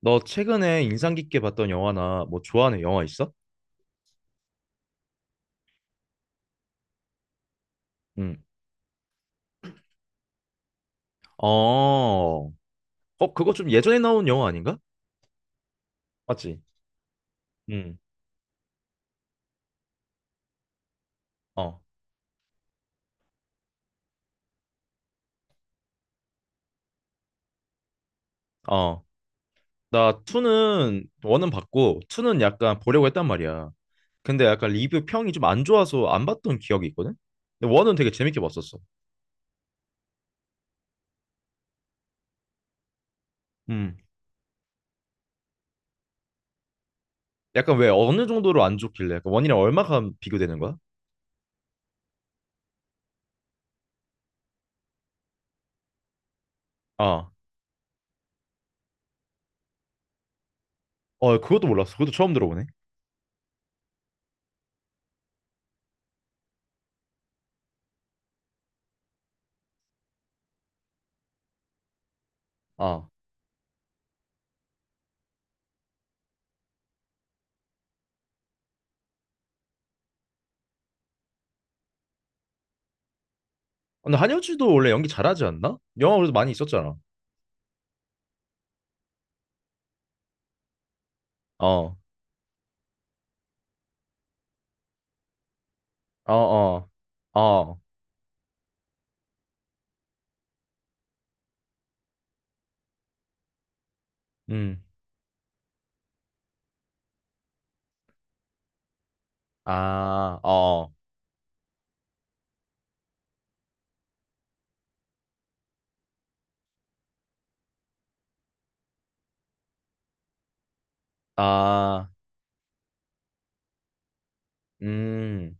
너 최근에 인상 깊게 봤던 영화나 뭐 좋아하는 영화 있어? 응. 어. 어, 그거 좀 예전에 나온 영화 아닌가? 맞지? 응. 어. 어. 나 2는 원은 봤고 2는 약간 보려고 했단 말이야. 근데 약간 리뷰 평이 좀 안 좋아서 안 봤던 기억이 있거든. 근데 원은 되게 재밌게 봤었어. 음. 약간 왜 어느 정도로 안 좋길래? 약간 원이랑 얼마가 비교되는 거야? 아. 어, 그것도 몰랐어. 그것도 처음 들어보네. 아. 근데 한효주도 원래 연기 잘하지 않나? 영화 그래도 많이 있었잖아. 어. 어, 어, 어, 음, 아, 어, 아, 음,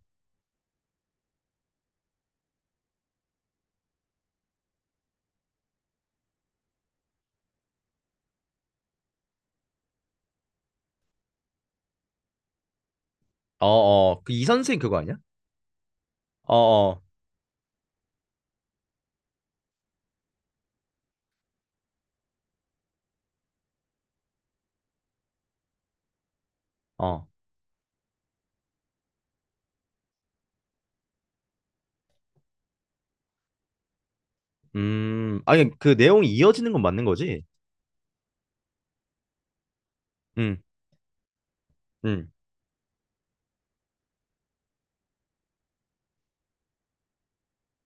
어, 어, 그 이 선생 그거 아니야? 어, 어, 어, 아니 그 내용이 이어지는 건 맞는 거지? 음, 음,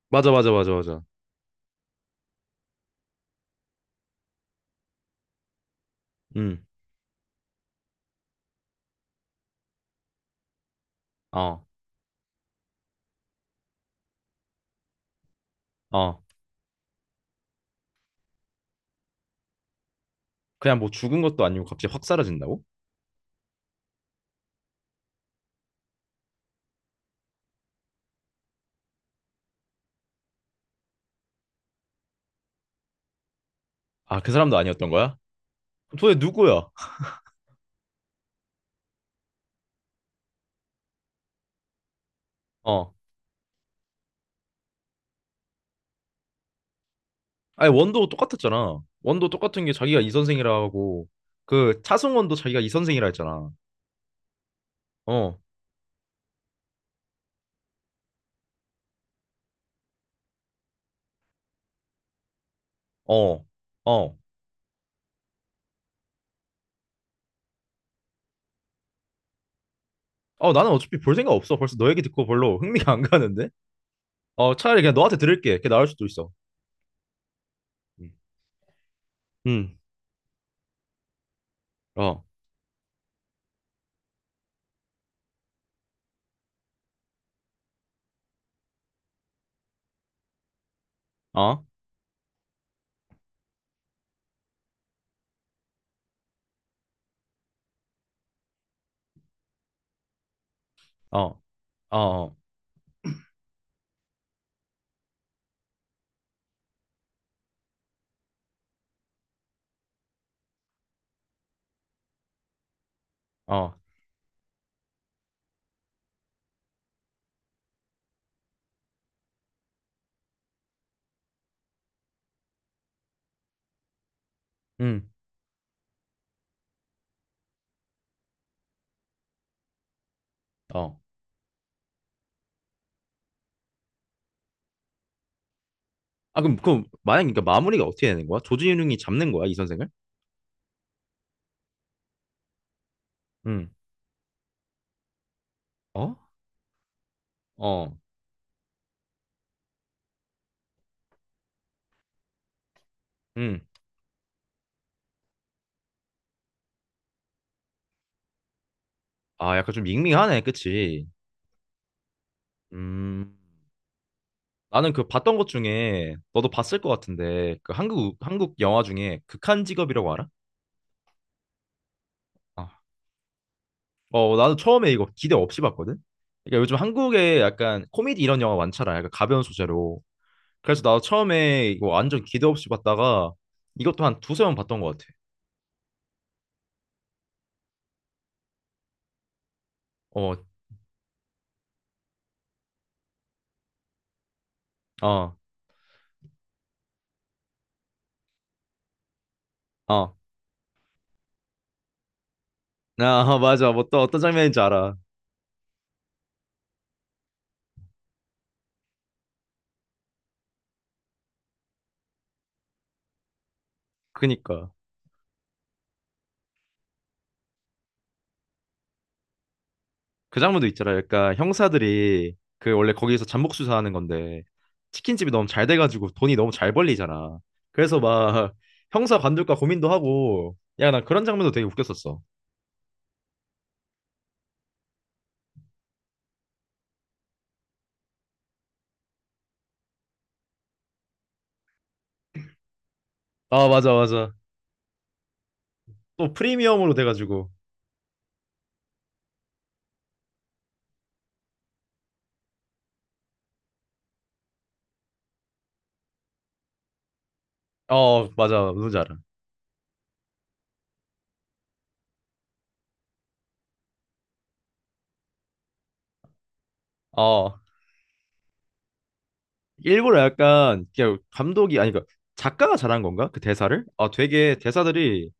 맞아, 맞아, 맞아, 맞아, 음, 어, 어, 그냥 뭐 죽은 것도 아니고 갑자기 확 사라진다고? 아, 그 사람도 아니었던 거야? 도대체 누구야? 어, 아니 원도 똑같았잖아. 원도 똑같은 게 자기가 이 선생이라고, 그 차승원도 자기가 이 선생이라 했잖아. 어, 어, 어. 어, 나는 어차피 볼 생각 없어. 벌써 너 얘기 듣고 별로 흥미가 안 가는데? 어, 차라리 그냥 너한테 들을게. 그게 나을 수도 있어. 음, 음, 어, 어, 어, 어, 어, 음, 어. 아, 그럼, 그럼, 만약에 그러니까 마무리가 어떻게 되는 거야? 조진웅이 잡는 거야, 이 선생을? 음, 어? 어, 음. 아, 약간 좀 밍밍하네, 그치? 음. 나는 그 봤던 것 중에, 너도 봤을 것 같은데, 그 한국, 한국 영화 중에 극한 직업이라고 알아? 어. 어, 나도 처음에 이거 기대 없이 봤거든. 그러니까 요즘 한국에 약간 코미디 이런 영화 많잖아. 약간 가벼운 소재로. 그래서 나도 처음에 이거 완전 기대 없이 봤다가 이것도 한 두세 번 봤던 것 같아. 어, 어, 어. 아, 맞아. 뭐 또 어떤 장면인지 알아. 그니까. 그 장면도 있잖아. 약간 형사들이 그 원래 거기서 잠복 수사하는 건데 치킨집이 너무 잘 돼가지고 돈이 너무 잘 벌리잖아. 그래서 막 형사 관둘까 고민도 하고 야, 나 그런 장면도 되게 웃겼었어. 아, 맞아, 맞아. 또 프리미엄으로 돼가지고 어 맞아 누군지 알아. 어 일부러 약간 그냥 감독이 아니 그 작가가 잘한 건가 그 대사를 아 되게 대사들이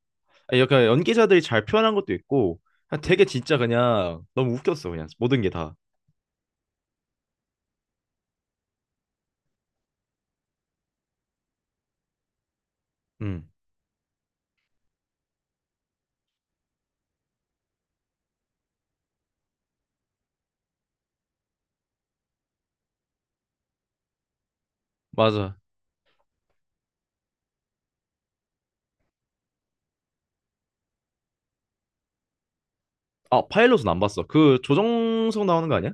아니, 약간 연기자들이 잘 표현한 것도 있고 그냥 되게 진짜 그냥 너무 웃겼어 그냥 모든 게다음 맞아. 아 파일럿은 안 봤어. 그 조정석 나오는 거 아니야?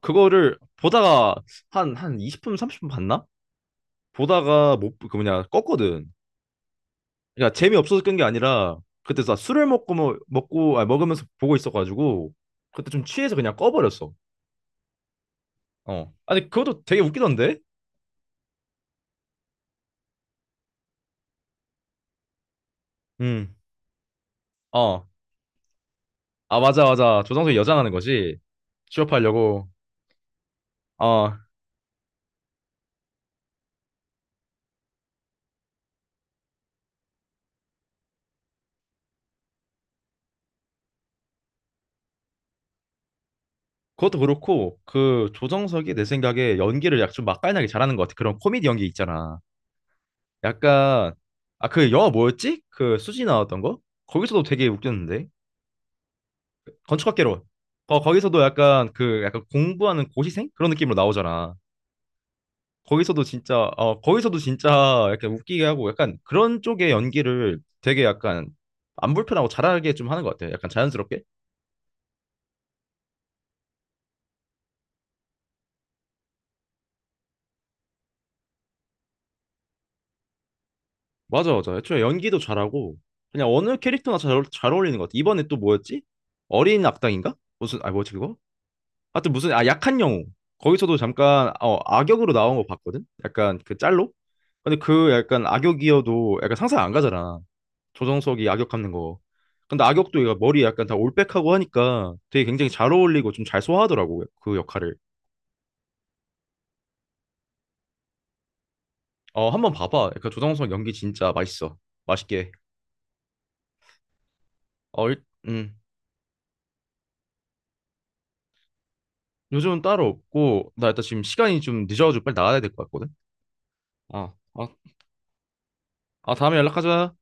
그거를 보다가 한 20분 30분 봤나 보다가 못 그 뭐냐 껐거든. 그러니까 재미없어서 끈 게 아니라 그때 나 술을 먹고 뭐, 먹고 아 먹으면서 보고 있어가지고 그때 좀 취해서 그냥 꺼버렸어. 어. 아니 그것도 되게 웃기던데? 음. 어. 아 맞아 맞아. 조정석이 여장하는 거지. 취업하려고. 어. 그것도 그렇고 그 조정석이 내 생각에 연기를 약 좀 맛깔나게 잘하는 것 같아. 그런 코미디 연기 있잖아. 약간 아 그 영화 뭐였지? 그 수지 나왔던 거? 거기서도 되게 웃겼는데. 건축학개론. 거 거기서도 약간 그 약간 공부하는 고시생 그런 느낌으로 나오잖아. 거기서도 진짜 약간 웃기게 하고 약간 그런 쪽의 연기를 되게 약간 안 불편하고 잘하게 좀 하는 것 같아요. 약간 자연스럽게. 맞아 맞아. 애초에 연기도 잘하고 그냥 어느 캐릭터나 잘 어울리는 것 같아. 이번에 또 뭐였지? 어린 악당인가? 무슨 아 뭐지 그거? 하여튼 무슨 아 약한 영웅. 거기서도 잠깐 어 악역으로 나온 거 봤거든. 약간 그 짤로. 근데 그 약간 악역이어도 약간 상상 안 가잖아. 조정석이 악역 하는 거. 근데 악역도 얘가 머리 약간 다 올백하고 하니까 되게 굉장히 잘 어울리고 좀 잘 소화하더라고 그 역할을. 어 한번 봐봐. 약간 조정석 연기 진짜 맛있어. 맛있게 해. 어 일, 요즘은 따로 없고 나 일단 지금 시간이 좀 늦어가지고 빨리 나가야 될 것 같거든. 아, 아, 아 다음에 연락하자.